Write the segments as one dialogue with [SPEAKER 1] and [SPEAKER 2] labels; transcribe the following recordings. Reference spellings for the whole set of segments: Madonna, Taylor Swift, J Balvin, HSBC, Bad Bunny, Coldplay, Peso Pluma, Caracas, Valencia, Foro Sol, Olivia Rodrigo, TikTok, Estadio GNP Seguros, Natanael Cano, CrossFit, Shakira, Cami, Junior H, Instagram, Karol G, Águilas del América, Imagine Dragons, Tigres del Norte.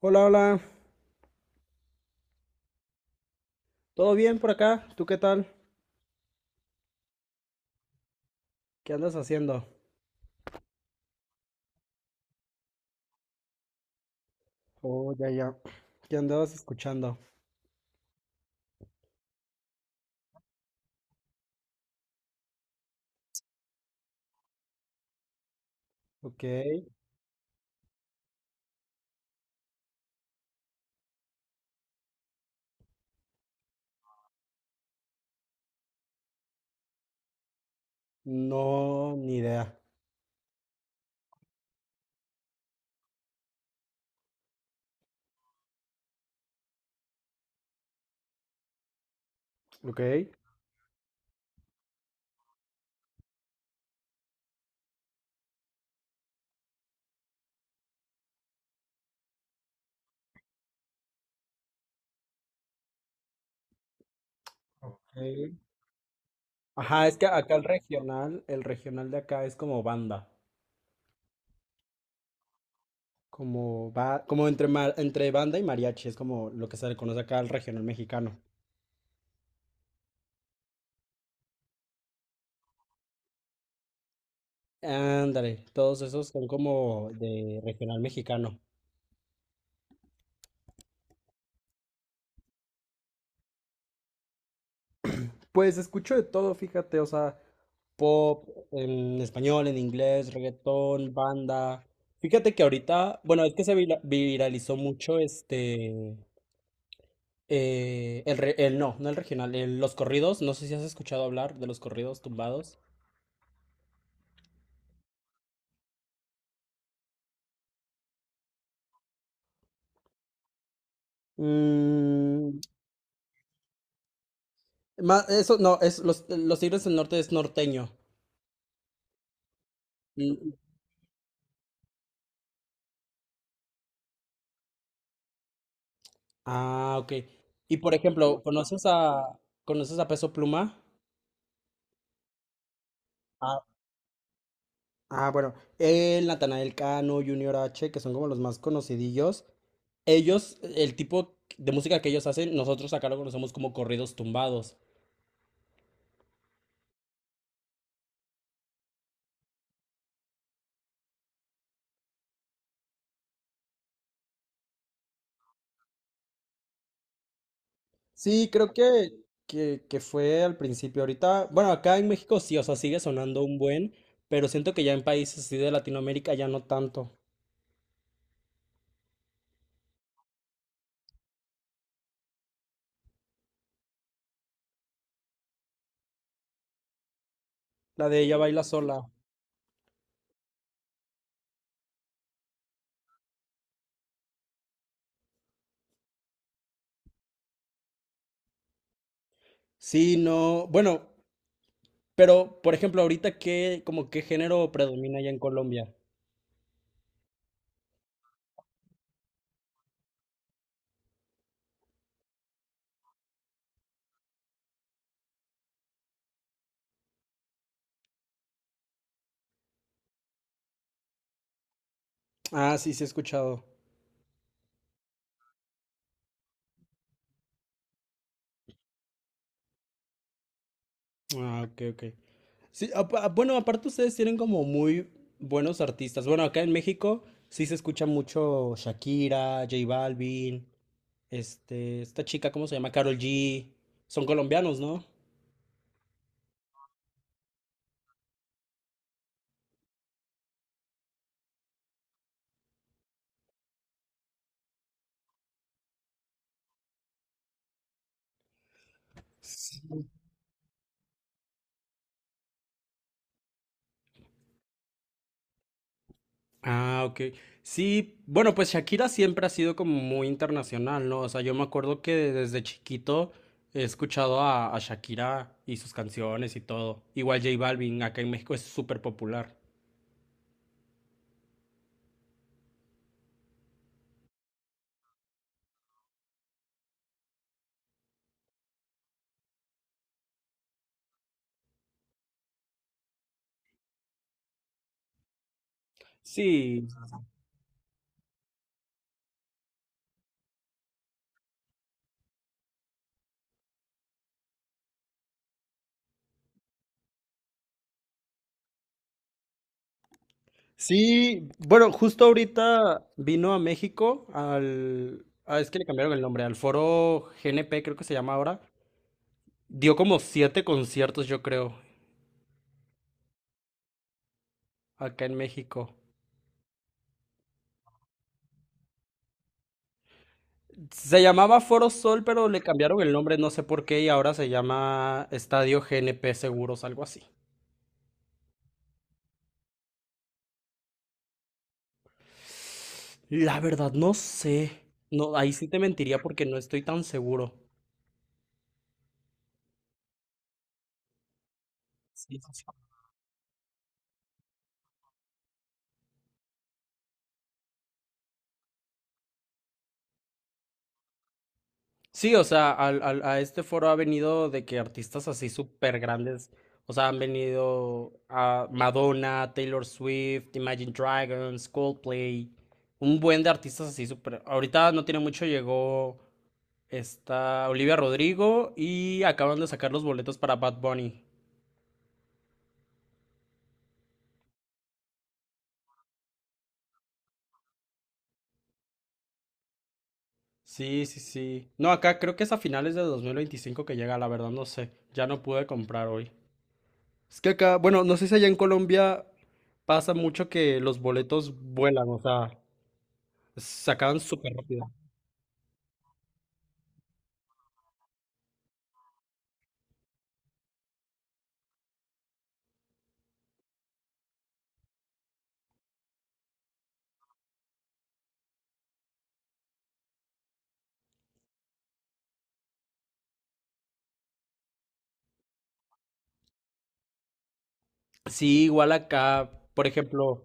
[SPEAKER 1] Hola, hola. ¿Todo bien por acá? ¿Tú qué tal? ¿Qué andas haciendo? Oh, ya, ya. ¿Qué andabas escuchando? Ok. No, ni idea. Ok. Ok. Ajá, es que acá el regional de acá es como banda. Como va, como entre banda y mariachi, es como lo que se le conoce acá al regional mexicano. Ándale, todos esos son como de regional mexicano. Pues escucho de todo, fíjate, o sea, pop, en español, en inglés, reggaetón, banda. Fíjate que ahorita, bueno, es que se viralizó mucho este, no, no el regional, los corridos, no sé si has escuchado hablar de los corridos tumbados. Mm, Eso no, es los Tigres del Norte es norteño. Mm, ah, ok. Y por ejemplo, ¿conoces a Peso Pluma? Ah, bueno, el Natanael Cano, Junior H, que son como los más conocidillos. Ellos, el tipo de música que ellos hacen, nosotros acá lo conocemos como corridos tumbados. Sí, creo que fue al principio. Ahorita, bueno, acá en México sí, o sea, sigue sonando un buen, pero siento que ya en países así de Latinoamérica ya no tanto. La de ella baila sola. Sí, no, bueno, pero por ejemplo, ahorita qué, como qué género predomina allá en Colombia. Ah, sí, sí he escuchado. Ah, ok, ok. Sí, ah, bueno, aparte ustedes tienen como muy buenos artistas. Bueno, acá en México sí se escucha mucho Shakira, J Balvin, este, esta chica, ¿cómo se llama? Karol G. Son colombianos, ¿no? Ah, ok. Sí, bueno, pues Shakira siempre ha sido como muy internacional, ¿no? O sea, yo me acuerdo que desde chiquito he escuchado a Shakira y sus canciones y todo. Igual J Balvin, acá en México es súper popular. Sí, sí, bueno, justo ahorita vino a México es que le cambiaron el nombre, al Foro GNP creo que se llama ahora. Dio como siete conciertos, yo creo, acá en México. Se llamaba Foro Sol, pero le cambiaron el nombre, no sé por qué, y ahora se llama Estadio GNP Seguros, algo así. La verdad, no sé. No, ahí sí te mentiría porque no estoy tan seguro. Sí, sí, sí. Sí, o sea, a este foro ha venido de que artistas así súper grandes, o sea, han venido a Madonna, Taylor Swift, Imagine Dragons, Coldplay, un buen de artistas así súper. Ahorita no tiene mucho llegó esta Olivia Rodrigo y acaban de sacar los boletos para Bad Bunny. Sí, sí, sí. No, acá creo que es a finales de 2025 que llega, la verdad no sé, ya no pude comprar hoy. Es que acá, bueno, no sé si allá, en Colombia pasa mucho que los boletos vuelan, o sea, se acaban súper rápido. Sí, igual acá, por ejemplo,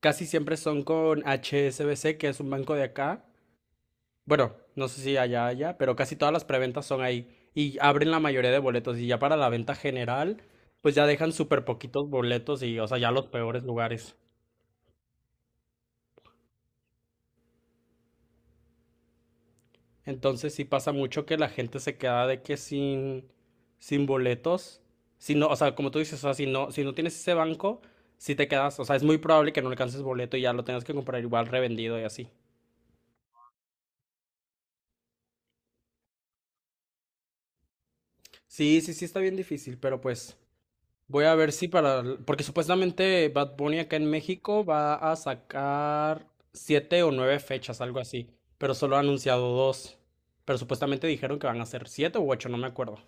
[SPEAKER 1] casi siempre son con HSBC, que es un banco de acá. Bueno, no sé si allá, pero casi todas las preventas son ahí y abren la mayoría de boletos y ya para la venta general, pues ya dejan súper poquitos boletos y, o sea, ya los peores lugares. Entonces sí pasa mucho que la gente se queda de que sin boletos, si no, o sea, como tú dices, o sea, si no tienes ese banco, si te quedas, o sea, es muy probable que no alcances boleto y ya lo tengas que comprar igual revendido y así. Sí, sí, sí está bien difícil, pero pues voy a ver si para, porque supuestamente Bad Bunny acá en México va a sacar siete o nueve fechas, algo así, pero solo ha anunciado dos, pero supuestamente dijeron que van a ser siete u ocho, no me acuerdo.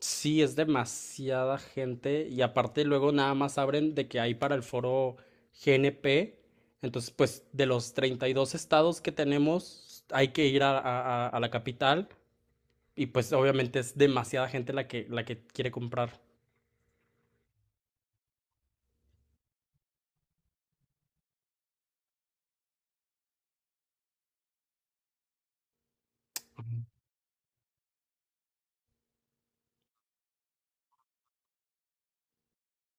[SPEAKER 1] Sí, es demasiada gente y aparte luego nada más abren de que hay para el foro GNP. Entonces, pues de los 32 estados que tenemos, hay que ir a, a la capital y pues obviamente es demasiada gente la que quiere comprar.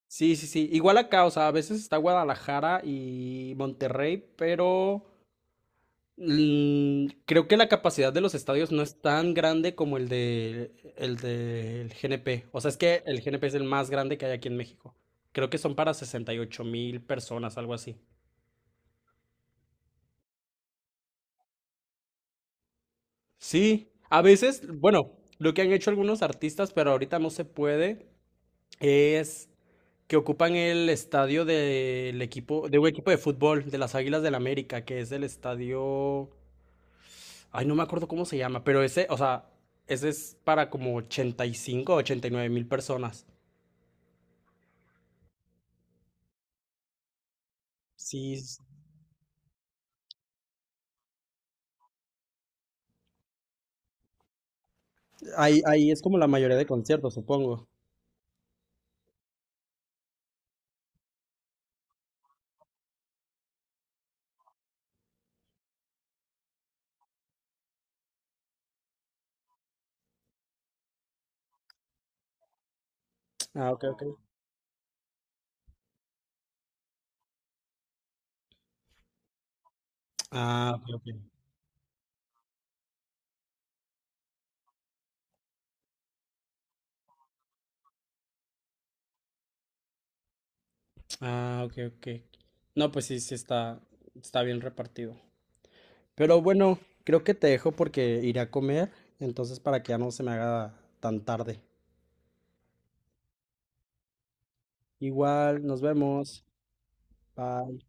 [SPEAKER 1] Sí, sí, sí. Igual acá, o sea, a veces está Guadalajara y Monterrey, pero. Mm, creo que la capacidad de los estadios no es tan grande como el del GNP. O sea, es que el GNP es el más grande que hay aquí en México. Creo que son para 68,000 personas, algo así. Sí, a veces, bueno, lo que han hecho algunos artistas, pero ahorita no se puede, es que ocupan el estadio del equipo, de un equipo de fútbol, de las Águilas del América, que es el estadio. Ay, no me acuerdo cómo se llama, pero ese, o sea, ese es para como 85 o 89,000 personas. Sí, ahí es como la mayoría de conciertos, supongo. Ah, ok, ok. Ah, ok, ok. Ah, ok, ok. No, pues sí, sí está bien repartido. Pero bueno, creo que te dejo porque iré a comer, entonces para que ya no se me haga tan tarde. Igual, nos vemos. Bye.